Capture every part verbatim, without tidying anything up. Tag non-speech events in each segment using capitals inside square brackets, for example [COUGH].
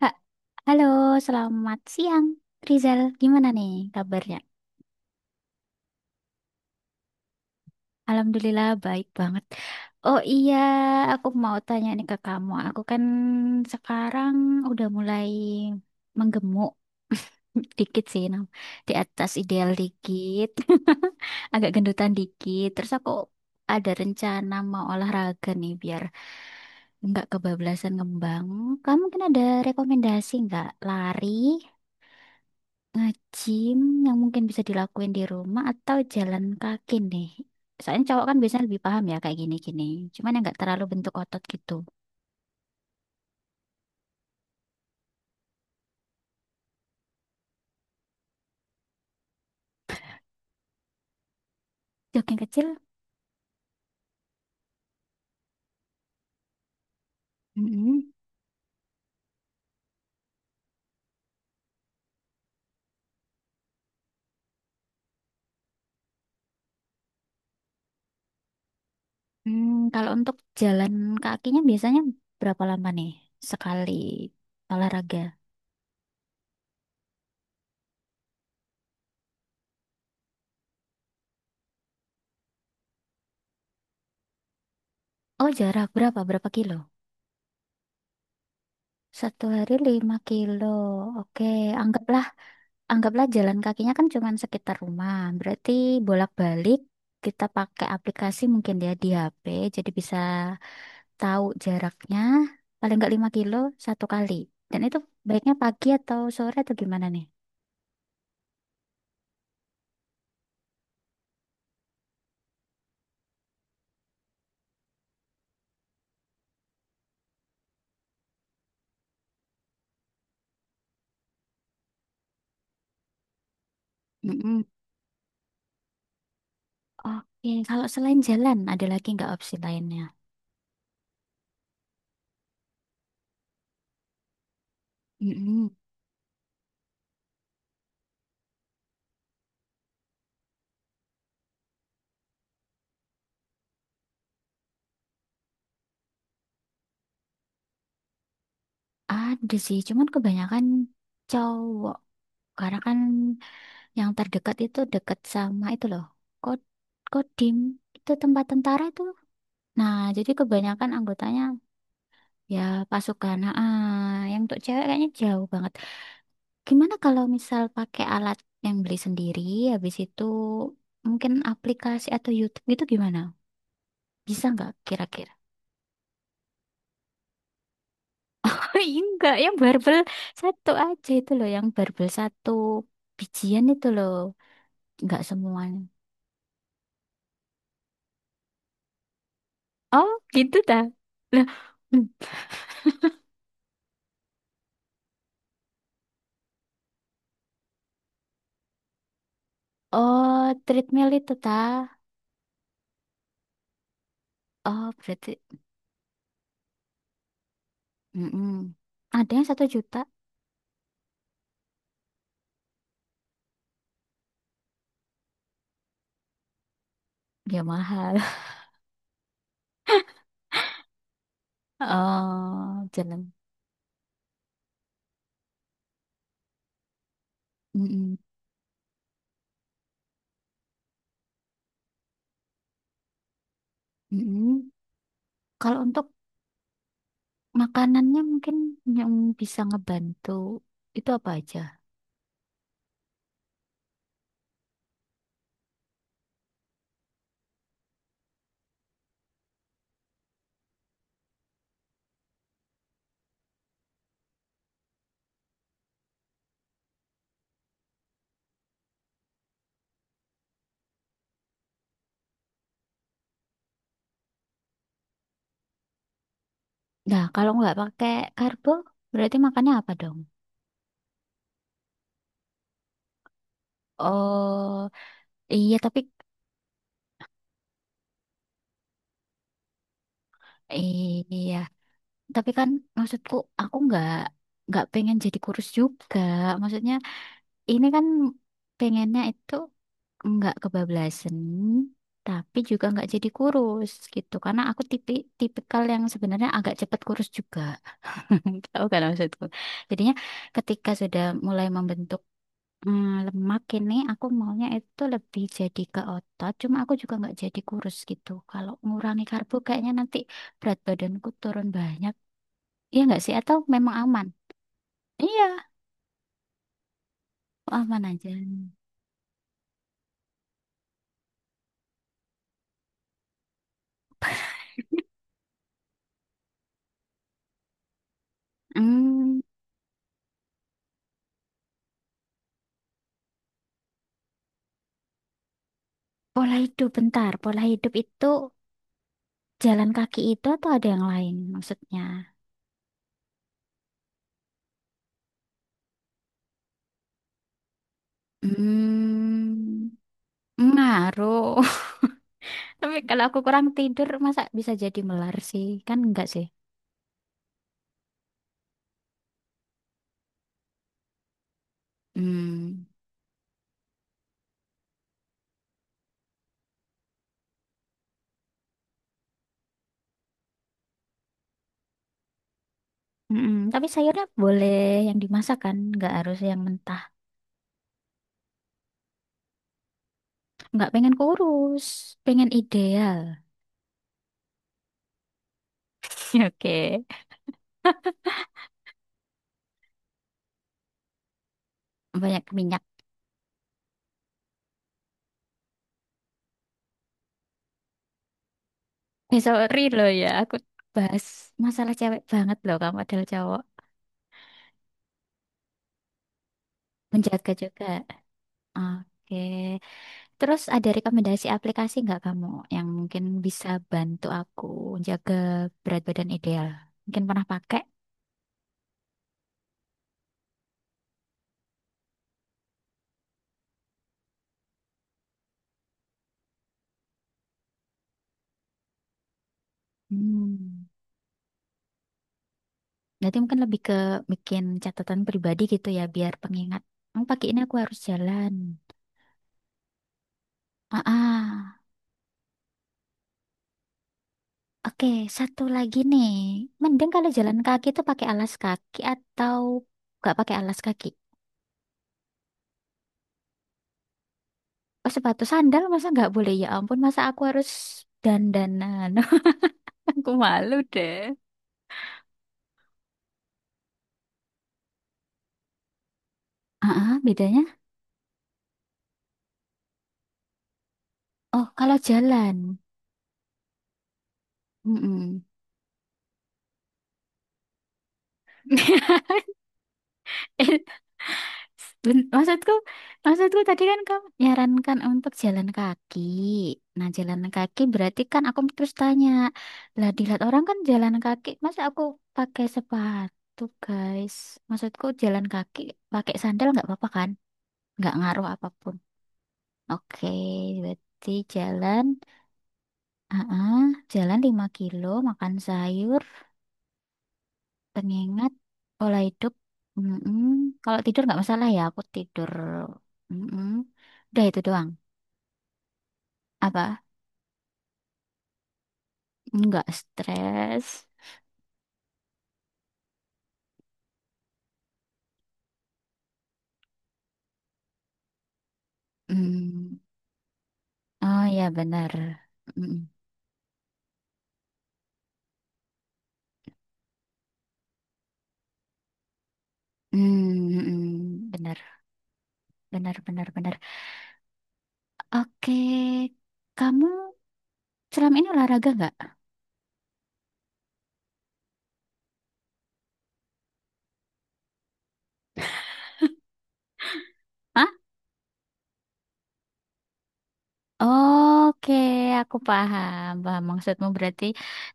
Ha- Halo, selamat siang. Rizal, gimana nih kabarnya? Alhamdulillah baik banget. Oh iya, aku mau tanya nih ke kamu. Aku kan sekarang udah mulai menggemuk [LAUGHS] dikit sih, Nam. Di atas ideal dikit, [LAUGHS] agak gendutan dikit. Terus aku ada rencana mau olahraga nih biar nggak kebablasan ngembang. Kamu mungkin ada rekomendasi nggak? Lari Ngajim yang mungkin bisa dilakuin di rumah atau jalan kaki nih. Soalnya cowok kan biasanya lebih paham ya kayak gini-gini. Cuman yang nggak terlalu bentuk otot gitu. Jogging kecil? Mm-mm. Hmm, kalau untuk jalan kakinya biasanya berapa lama nih? Sekali olahraga. Oh, jarak berapa? Berapa kilo? Satu hari lima kilo. Oke, anggaplah anggaplah jalan kakinya kan cuma sekitar rumah. Berarti bolak-balik kita pakai aplikasi mungkin ya di H P. Jadi bisa tahu jaraknya paling nggak lima kilo satu kali. Dan itu baiknya pagi atau sore atau gimana nih? Mm-mm. Oke, kalau selain jalan ada lagi nggak opsi lainnya? Mm-mm. Ada sih, cuman kebanyakan cowok. Karena kan yang terdekat itu dekat sama itu loh. Kod Kodim itu tempat tentara itu. Nah, jadi kebanyakan anggotanya ya pasukan. Nah, ah, yang untuk cewek kayaknya jauh banget. Gimana kalau misal pakai alat yang beli sendiri, habis itu mungkin aplikasi atau YouTube gitu gimana? Bisa nggak kira-kira? [LAUGHS] Ih, enggak, yang barbel satu aja itu loh, yang barbel satu bijian itu loh, nggak semuanya. Oh, gitu ta? Lah, hmm. Oh, treadmill itu ta? Oh, berarti, mm-mm. Ada yang satu juta, ya mahal. [LAUGHS] Oh, jalan. Mm-mm. Mm-mm. Kalau untuk makanannya mungkin yang bisa ngebantu itu apa aja? Nah, kalau nggak pakai karbo, berarti makannya apa dong? Oh, iya tapi iya, tapi kan maksudku aku nggak nggak pengen jadi kurus juga. Maksudnya ini kan pengennya itu nggak kebablasan, tapi juga nggak jadi kurus gitu. Karena aku tipi tipikal yang sebenarnya agak cepet kurus juga. [LAUGHS] Tahu kan maksudku. Jadinya ketika sudah mulai membentuk hmm, lemak ini, aku maunya itu lebih jadi ke otot. Cuma aku juga nggak jadi kurus gitu. Kalau ngurangi karbo kayaknya nanti berat badanku turun banyak. Iya nggak sih? Atau memang aman? Iya, aman aja. Hmm, Pola hidup bentar. Pola hidup itu jalan kaki itu atau ada yang lain maksudnya? Hmm, Ngaruh. Tapi kalau aku kurang tidur, masa bisa jadi melar sih? Kan enggak sih. Hmm. Mm-mm. Tapi sayurnya boleh yang dimasak kan, nggak harus yang mentah. Nggak pengen kurus, pengen ideal. [LAUGHS] Oke, banyak minyak. Eh, sorry loh ya, aku bahas masalah cewek banget loh kamu adalah cowok. Menjaga juga. Oke, terus ada rekomendasi aplikasi nggak kamu yang mungkin bisa bantu aku jaga berat badan ideal? Mungkin pernah pakai? Hmm. Berarti mungkin lebih ke bikin catatan pribadi gitu ya, biar pengingat. Oh, pakai ini aku harus jalan. Ah, ah. Oke, satu lagi nih. Mending kalau jalan kaki itu pakai alas kaki atau nggak pakai alas kaki? Oh, sepatu sandal masa nggak boleh? Ya ampun, masa aku harus dandanan? [LAUGHS] Aku malu deh. Ah, ah, bedanya? Oh, kalau jalan. Mm-mm. [LAUGHS] Ben- Maksudku, maksudku tadi kan kamu nyarankan untuk jalan kaki. Nah, jalan kaki berarti kan aku terus tanya, lah di lihat orang kan jalan kaki, masa aku pakai sepatu, guys? Maksudku jalan kaki pakai sandal nggak apa-apa kan? Nggak ngaruh apapun. Oke, berarti jalan, ah ah, jalan lima kilo, makan sayur. Pengingat pola hidup, mm-mm. Kalau tidur nggak masalah ya aku tidur, mm-mm. Udah itu doang apa nggak stres. Mm. Oh ya benar. Mm-mm. Mm-mm. Benar benar benar benar. Oke, kamu selama ini olahraga nggak? Hah? Oke, aku paham paham maksudmu berarti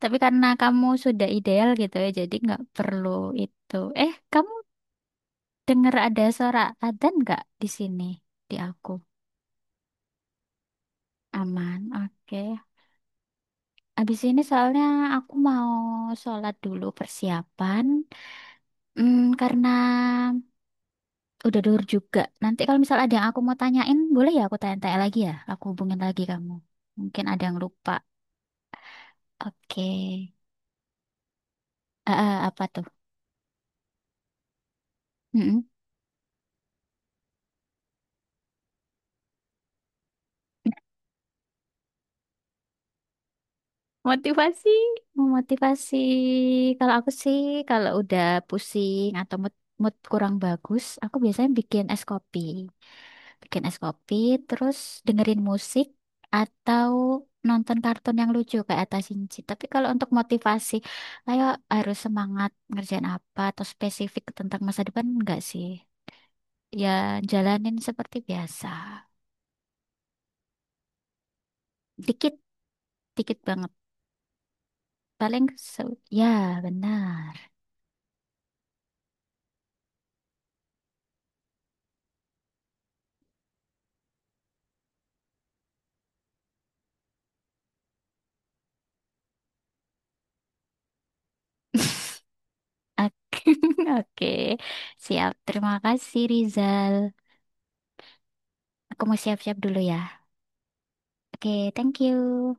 tapi karena kamu sudah ideal gitu ya jadi nggak perlu itu, eh, kamu. Dengar ada suara adzan nggak di sini? Di aku. Aman, oke. Abis ini soalnya aku mau sholat dulu persiapan. Hmm, karena udah dur juga. Nanti kalau misal ada yang aku mau tanyain, boleh ya aku tanya-tanya lagi ya? Aku hubungin lagi kamu. Mungkin ada yang lupa. Oke. Ah eh, apa tuh? Mm-mm. Motivasi, memotivasi. Kalau aku sih, kalau udah pusing atau mood, mood kurang bagus, aku biasanya bikin es kopi. Bikin es kopi, terus dengerin musik atau nonton kartun yang lucu kayak Atta Shinchi. Tapi kalau untuk motivasi, ayo harus semangat ngerjain apa atau spesifik tentang masa depan enggak sih? Ya jalanin seperti biasa. Dikit, dikit banget. Paling se- ya benar. [LAUGHS] Oke, [LAUGHS] oke. Siap. Terima kasih, Rizal. Aku mau siap-siap dulu ya. Oke, thank you.